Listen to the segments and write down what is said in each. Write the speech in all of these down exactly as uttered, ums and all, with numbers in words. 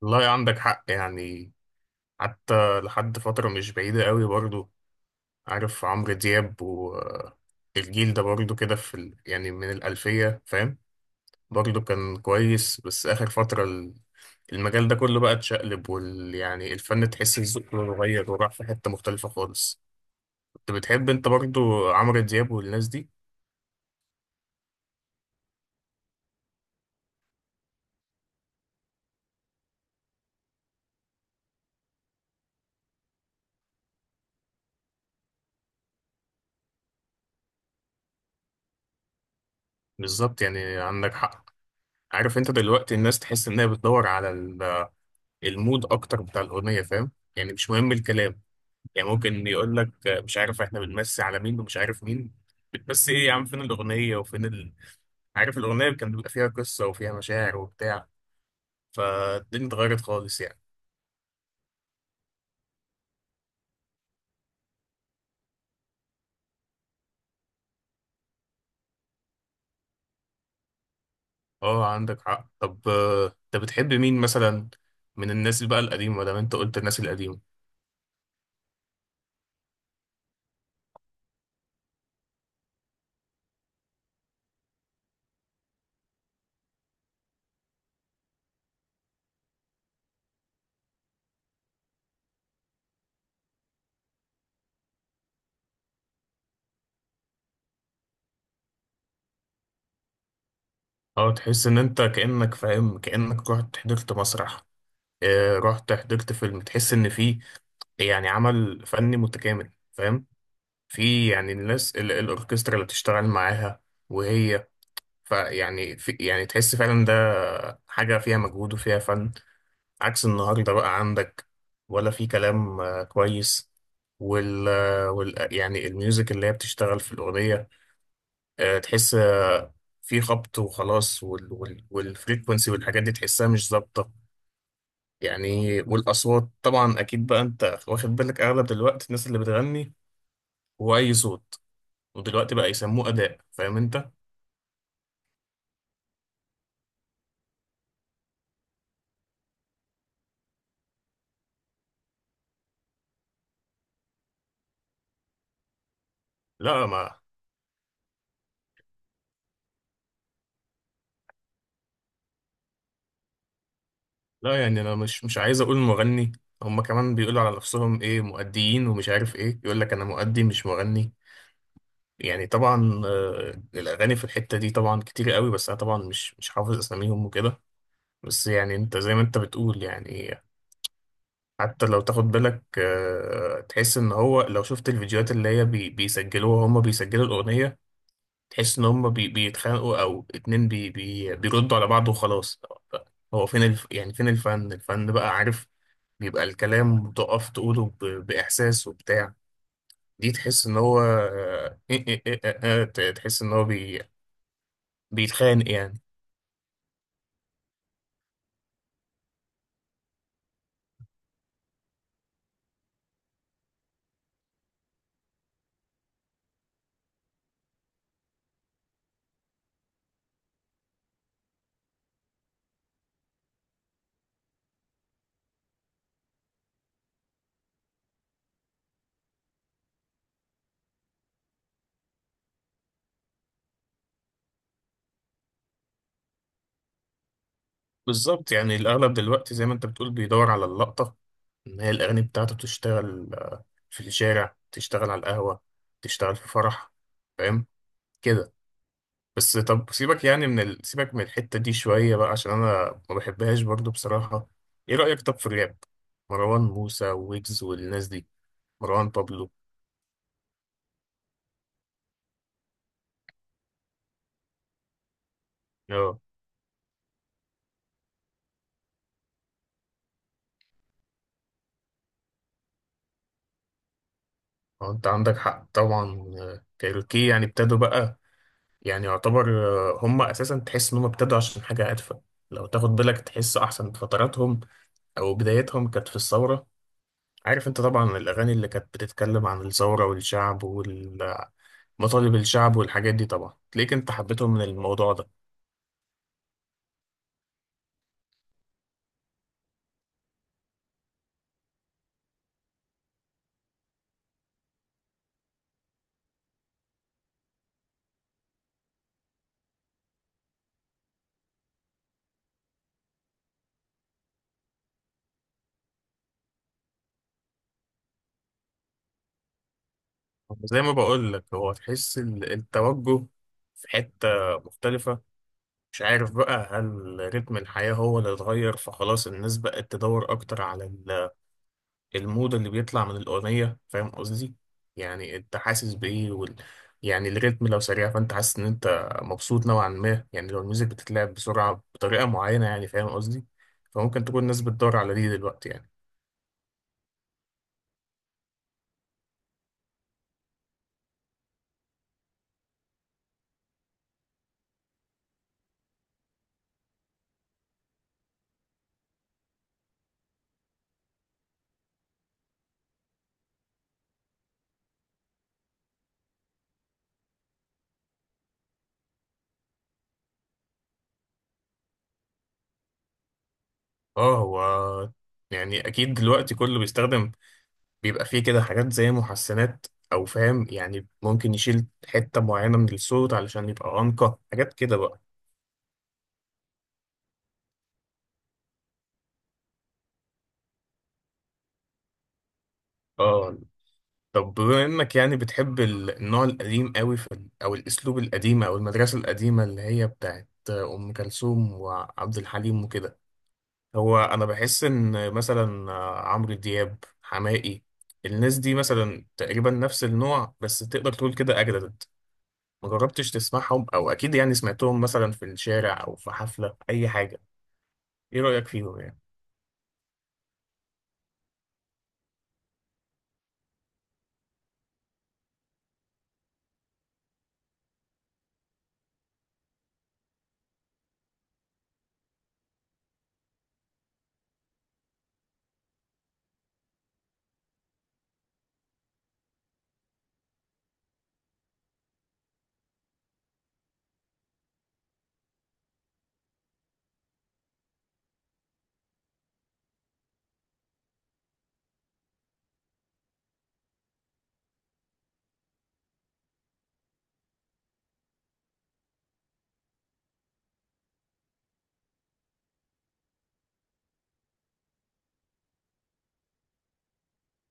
والله عندك حق يعني. حتى لحد فترة مش بعيدة قوي برضو، عارف، عمرو دياب والجيل ده برضو كده في ال... يعني من الألفية، فاهم؟ برضو كان كويس، بس آخر فترة ال- المجال ده كله بقى اتشقلب وال... يعني الفن تحس ذوقه اتغير وراح في حتة مختلفة خالص. كنت بتحب انت برضو عمرو دياب والناس دي؟ بالظبط، يعني عندك حق. عارف انت دلوقتي الناس تحس انها بتدور على ال- المود اكتر بتاع الأغنية، فاهم؟ يعني مش مهم الكلام. يعني ممكن يقول لك مش عارف احنا بنمسي على مين ومش عارف مين. بتمسي ايه يا عم؟ فين الأغنية وفين ال... عارف، الأغنية كان بيبقى فيها قصة وفيها مشاعر وبتاع. فالدنيا اتغيرت خالص يعني. اه عندك حق. طب آه، انت بتحب مين مثلا من الناس اللي بقى القديمة ده؟ انت قلت الناس القديمة. اه تحس ان انت كأنك فاهم، كأنك رحت حضرت مسرح، آه، رحت حضرت فيلم. تحس ان في يعني عمل فني متكامل، فاهم؟ في يعني الناس ال- الأوركسترا اللي بتشتغل معاها وهي. فيعني في يعني تحس فعلا ده حاجة فيها مجهود وفيها فن. عكس النهاردة بقى عندك ولا في كلام. آه، كويس. وال, آه، وال آه، يعني الميوزك اللي هي بتشتغل في الأغنية. آه، تحس في خبط وخلاص وال, وال, والفريكونسي والحاجات دي تحسها مش ظابطة يعني. والأصوات طبعا أكيد بقى أنت واخد بالك أغلب دلوقتي الناس اللي بتغني هو أي صوت، ودلوقتي بقى يسموه أداء، فاهم أنت؟ لا ما لا يعني انا مش مش عايز اقول مغني. هما كمان بيقولوا على نفسهم ايه؟ مؤديين ومش عارف ايه. يقول لك انا مؤدي مش مغني. يعني طبعا آه، الاغاني في الحتة دي طبعا كتير قوي، بس انا طبعا مش مش حافظ اساميهم وكده. بس يعني انت زي ما انت بتقول يعني، حتى لو تاخد بالك آه، تحس ان هو لو شفت الفيديوهات اللي هي بي بيسجلوها، هما بيسجلوا الاغنية، تحس ان هما بي بيتخانقوا او اتنين بي بي بيردوا على بعض وخلاص. هو فين الف... يعني فين الفن الفن بقى، عارف، بيبقى الكلام تقف تقوله ب- بإحساس وبتاع. دي تحس إن هو آه، إيه إيه إيه آه، آه، ت- تحس إن هو بي... بيتخانق يعني. بالظبط، يعني الأغلب دلوقتي زي ما أنت بتقول بيدور على اللقطة. إن هي الأغاني بتاعته بتشتغل، آه، في الشارع، تشتغل على القهوة، تشتغل في فرح، فاهم كده. بس طب سيبك يعني من ال... سيبك من الحتة دي شوية بقى عشان أنا ما بحبهاش برضو بصراحة. إيه رأيك طب في الراب؟ مروان موسى، ويجز، والناس دي، مروان بابلو. اه اه انت عندك حق طبعا. آه، كايروكي يعني ابتدوا بقى، يعني يعتبر آه، هم اساسا تحس ان هم ابتدوا عشان حاجه هادفه. لو تاخد بالك تحس احسن فتراتهم او بدايتهم كانت في الثوره. عارف انت طبعا الاغاني اللي كانت بتتكلم عن الثوره والشعب والمطالب، الشعب والحاجات دي، طبعا تلاقيك انت حبيتهم من الموضوع ده. زي ما بقول لك، هو تحس ال- التوجه في حته مختلفه. مش عارف بقى، هل رتم الحياه هو اللي اتغير فخلاص الناس بقت تدور اكتر على ال المود اللي بيطلع من الأغنية، فاهم قصدي؟ يعني أنت حاسس بإيه وال... يعني الريتم لو سريع فأنت حاسس إن أنت مبسوط نوعا ما، يعني لو الميوزك بتتلعب بسرعة بطريقة معينة، يعني فاهم قصدي؟ فممكن تكون الناس بتدور على دي دلوقتي يعني. آه هو يعني أكيد دلوقتي كله بيستخدم، بيبقى فيه كده حاجات زي محسنات أو فاهم يعني، ممكن يشيل حتة معينة من الصوت علشان يبقى أنقى، حاجات كده بقى. آه. طب بما انك يعني بتحب ال- النوع القديم قوي في ال- او الاسلوب القديم او المدرسه القديمه اللي هي بتاعت ام كلثوم وعبد الحليم وكده، هو انا بحس ان مثلا عمرو دياب، حماقي، الناس دي مثلا تقريبا نفس النوع بس تقدر تقول كده اجدد. ما جربتش تسمعهم؟ او اكيد يعني سمعتهم مثلا في الشارع او في حفله اي حاجه. ايه رايك فيهم يعني؟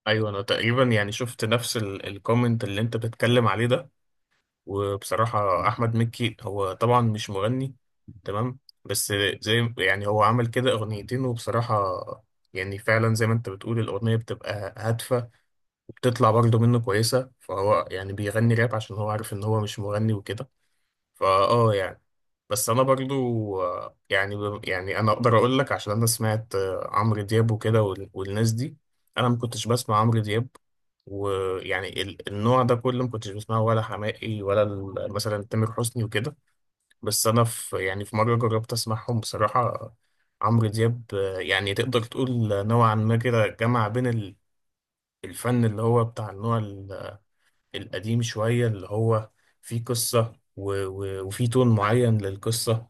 ايوه انا تقريبا يعني شفت نفس الكومنت اللي انت بتتكلم عليه ده. وبصراحة أحمد مكي هو طبعا مش مغني، تمام؟ بس زي يعني هو عمل كده أغنيتين، وبصراحة يعني فعلا زي ما أنت بتقول الأغنية بتبقى هادفة وبتطلع برضه منه كويسة، فهو يعني بيغني راب عشان هو عارف إن هو مش مغني وكده، فاه يعني. بس انا برضو آه، يعني ب- يعني انا اقدر اقول لك عشان انا سمعت آه، عمرو دياب وكده وال- والناس دي. انا ما كنتش بسمع عمرو دياب، ويعني ال- النوع ده كله ما كنتش بسمعه، ولا حماقي، ولا ال- مثلا تامر حسني وكده. بس انا في يعني في مره جربت اسمعهم بصراحه. آه، عمرو دياب، آه، يعني تقدر تقول نوعا ما كده جمع بين ال- الفن اللي هو بتاع النوع القديم شوية اللي هو فيه قصة و... و... وفيه تون معين للقصة.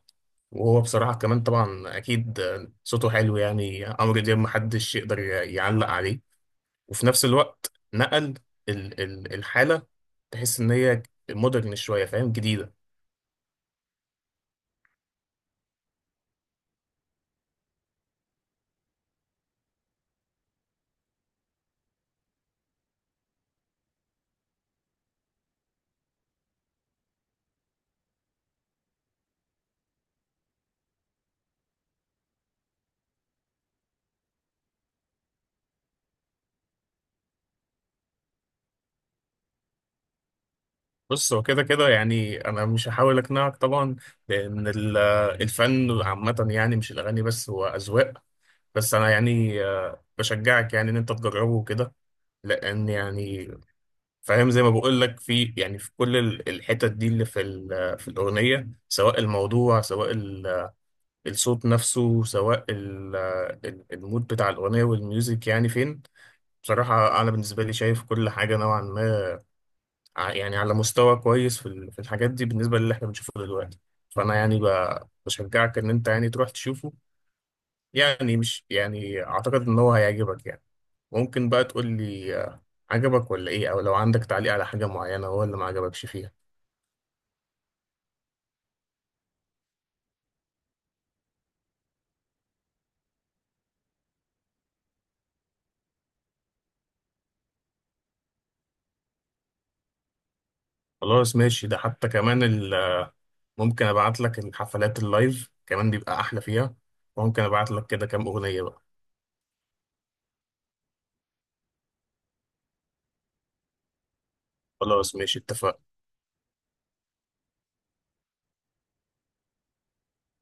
وهو بصراحة كمان طبعا أكيد صوته حلو، يعني عمرو دياب محدش يقدر ي- يعلق عليه. وفي نفس الوقت نقل ال... ال... الحالة، تحس إن هي مودرن شوية، فاهم؟ جديدة. بص هو كده كده يعني أنا مش هحاول أقنعك طبعا، لأن ال- الفن عامة يعني مش الأغاني بس، هو أذواق. بس أنا يعني آه، بشجعك يعني إن أنت تجربه وكده، لأن يعني فاهم زي ما بقول لك، في يعني في كل ال- الحتت دي اللي في ال- في الأغنية، سواء الموضوع، سواء ال- الصوت نفسه، سواء ال- ال- المود بتاع الأغنية والميوزك يعني فين. بصراحة أنا بالنسبة لي شايف كل حاجة نوعا ما ع- يعني على مستوى كويس في ال- في الحاجات دي بالنسبة للي احنا بنشوفه دلوقتي. فأنا يعني ب- بشجعك إن أنت يعني تروح تشوفه، يعني مش يعني أعتقد إن هو هيعجبك يعني. ممكن بقى تقول لي آه، عجبك ولا إيه، أو لو عندك تعليق على حاجة معينة هو اللي ما عجبكش فيها. خلاص ماشي، ده حتى كمان ال- ممكن ابعت لك الحفلات اللايف كمان بيبقى احلى فيها، وممكن ابعت لك كده كام اغنية بقى. خلاص ماشي اتفقنا.